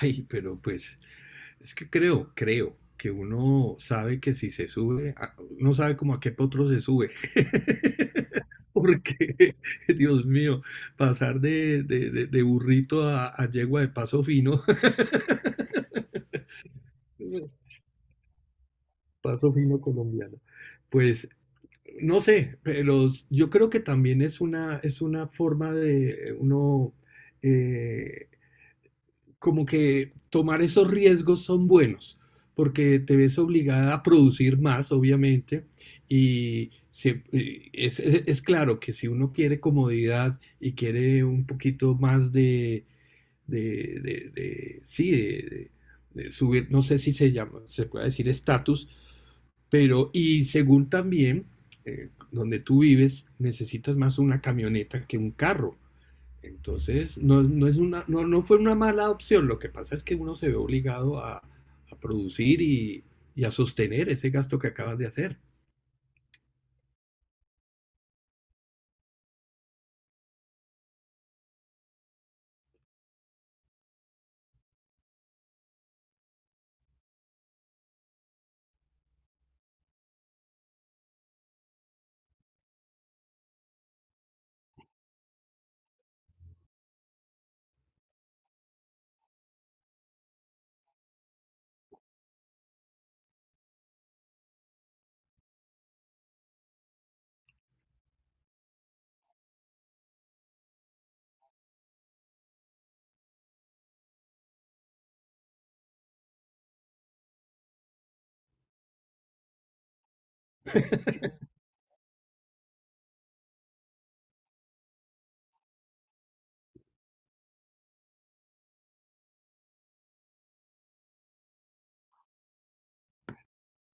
Ay, pero pues es que creo que uno sabe que si se sube, uno sabe como a qué potro se sube. Porque, Dios mío, pasar de burrito a yegua de paso fino, paso fino colombiano. Pues no sé, pero yo creo que también es una forma de uno eh, como que tomar esos riesgos son buenos, porque te ves obligada a producir más, obviamente, y es claro que si uno quiere comodidad y quiere un poquito más de, sí, de subir, no sé si se llama, se puede decir estatus, pero y según también donde tú vives, necesitas más una camioneta que un carro. Entonces, no, no, no, no fue una mala opción. Lo que pasa es que uno se ve obligado a producir y a sostener ese gasto que acabas de hacer.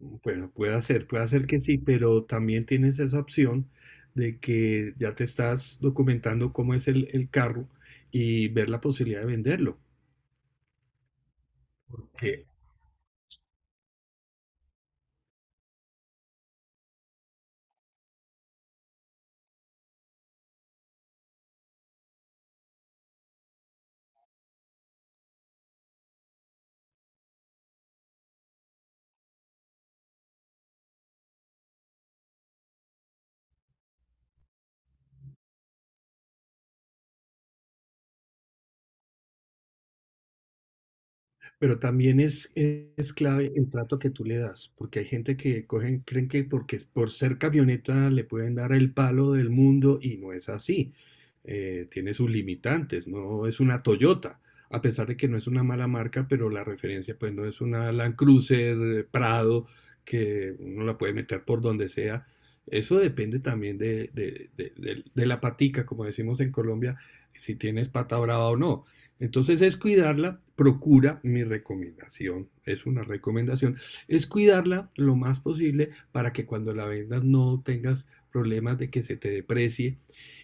Bueno, puede ser que sí, pero también tienes esa opción de que ya te estás documentando cómo es el carro y ver la posibilidad de venderlo. Pero también es clave el trato que tú le das, porque hay gente que cogen, creen que por ser camioneta le pueden dar el palo del mundo y no es así. Tiene sus limitantes, no es una Toyota, a pesar de que no es una mala marca, pero la referencia pues no es una Land Cruiser, Prado, que uno la puede meter por donde sea. Eso depende también de la patica, como decimos en Colombia, si tienes pata brava o no. Entonces es cuidarla, procura mi recomendación, es una recomendación, es cuidarla lo más posible para que cuando la vendas no tengas problemas de que se te deprecie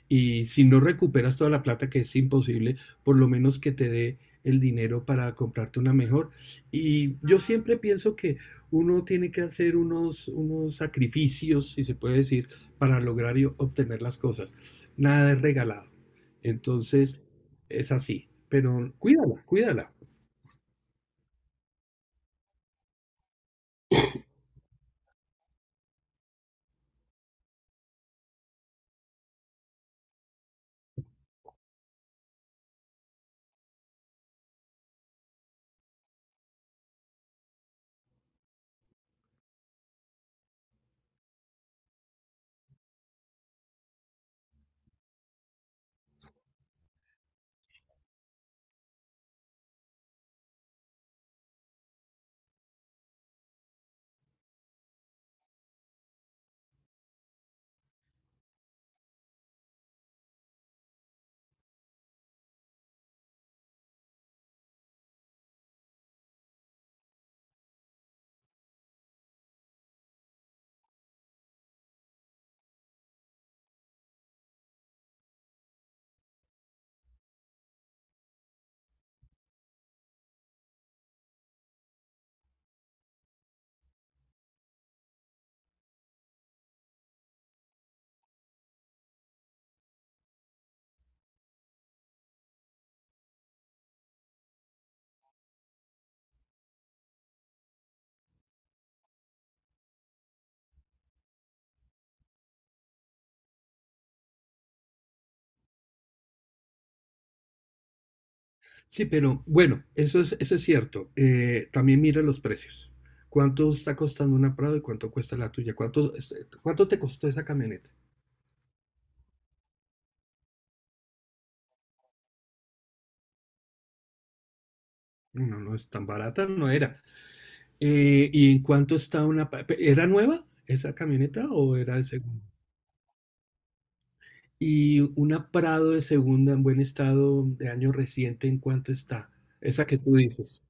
y si no recuperas toda la plata que es imposible, por lo menos que te dé el dinero para comprarte una mejor. Y yo siempre pienso que uno tiene que hacer unos, unos sacrificios, si se puede decir, para lograr y obtener las cosas. Nada es regalado. Entonces, es así. Pero cuídala, cuídala. Sí, pero bueno, eso es cierto. También mira los precios. ¿Cuánto está costando una Prado y cuánto cuesta la tuya? ¿Cuánto, cuánto te costó esa camioneta? No, no no es tan barata, no era. ¿Y en cuánto está una... ¿Era nueva esa camioneta o era de segunda? Y una Prado de segunda en buen estado de año reciente, ¿en cuánto está? Esa que tú dices.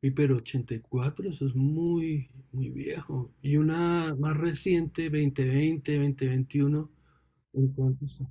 Y pero 84 eso es muy, muy viejo. Y una más reciente, 2020, 21, ¿en cuánto está?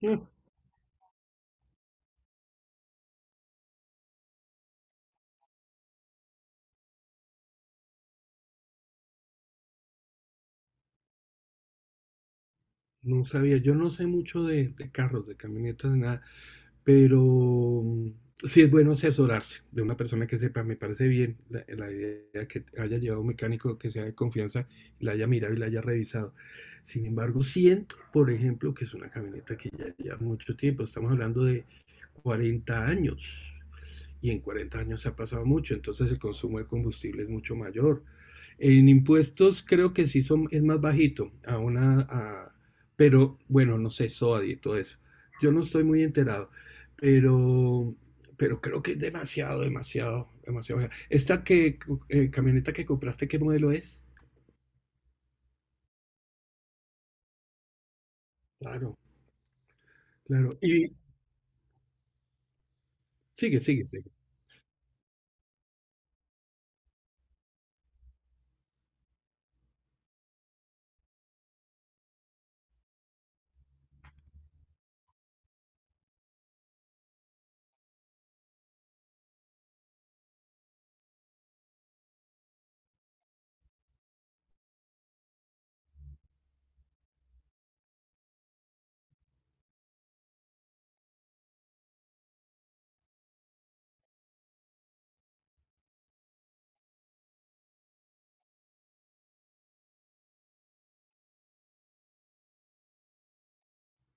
No, no sabía. Yo no sé mucho de carros, de camionetas, de nada, pero mm, sí es bueno asesorarse de una persona que sepa. Me parece bien la, la idea que haya llevado un mecánico que sea de confianza, la haya mirado y la haya revisado. Sin embargo, siento, por ejemplo, que es una camioneta que ya lleva mucho tiempo. Estamos hablando de 40 años. Y en 40 años ha pasado mucho, entonces el consumo de combustible es mucho mayor. En impuestos creo que sí son, es más bajito, a una, a, pero bueno, no sé, SOAD y todo eso. Yo no estoy muy enterado, pero, pero creo que es demasiado, demasiado, demasiado baja. Camioneta que compraste, ¿qué modelo es? Claro, claro. Y sigue, sigue, sigue.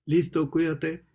Listo, cuídate.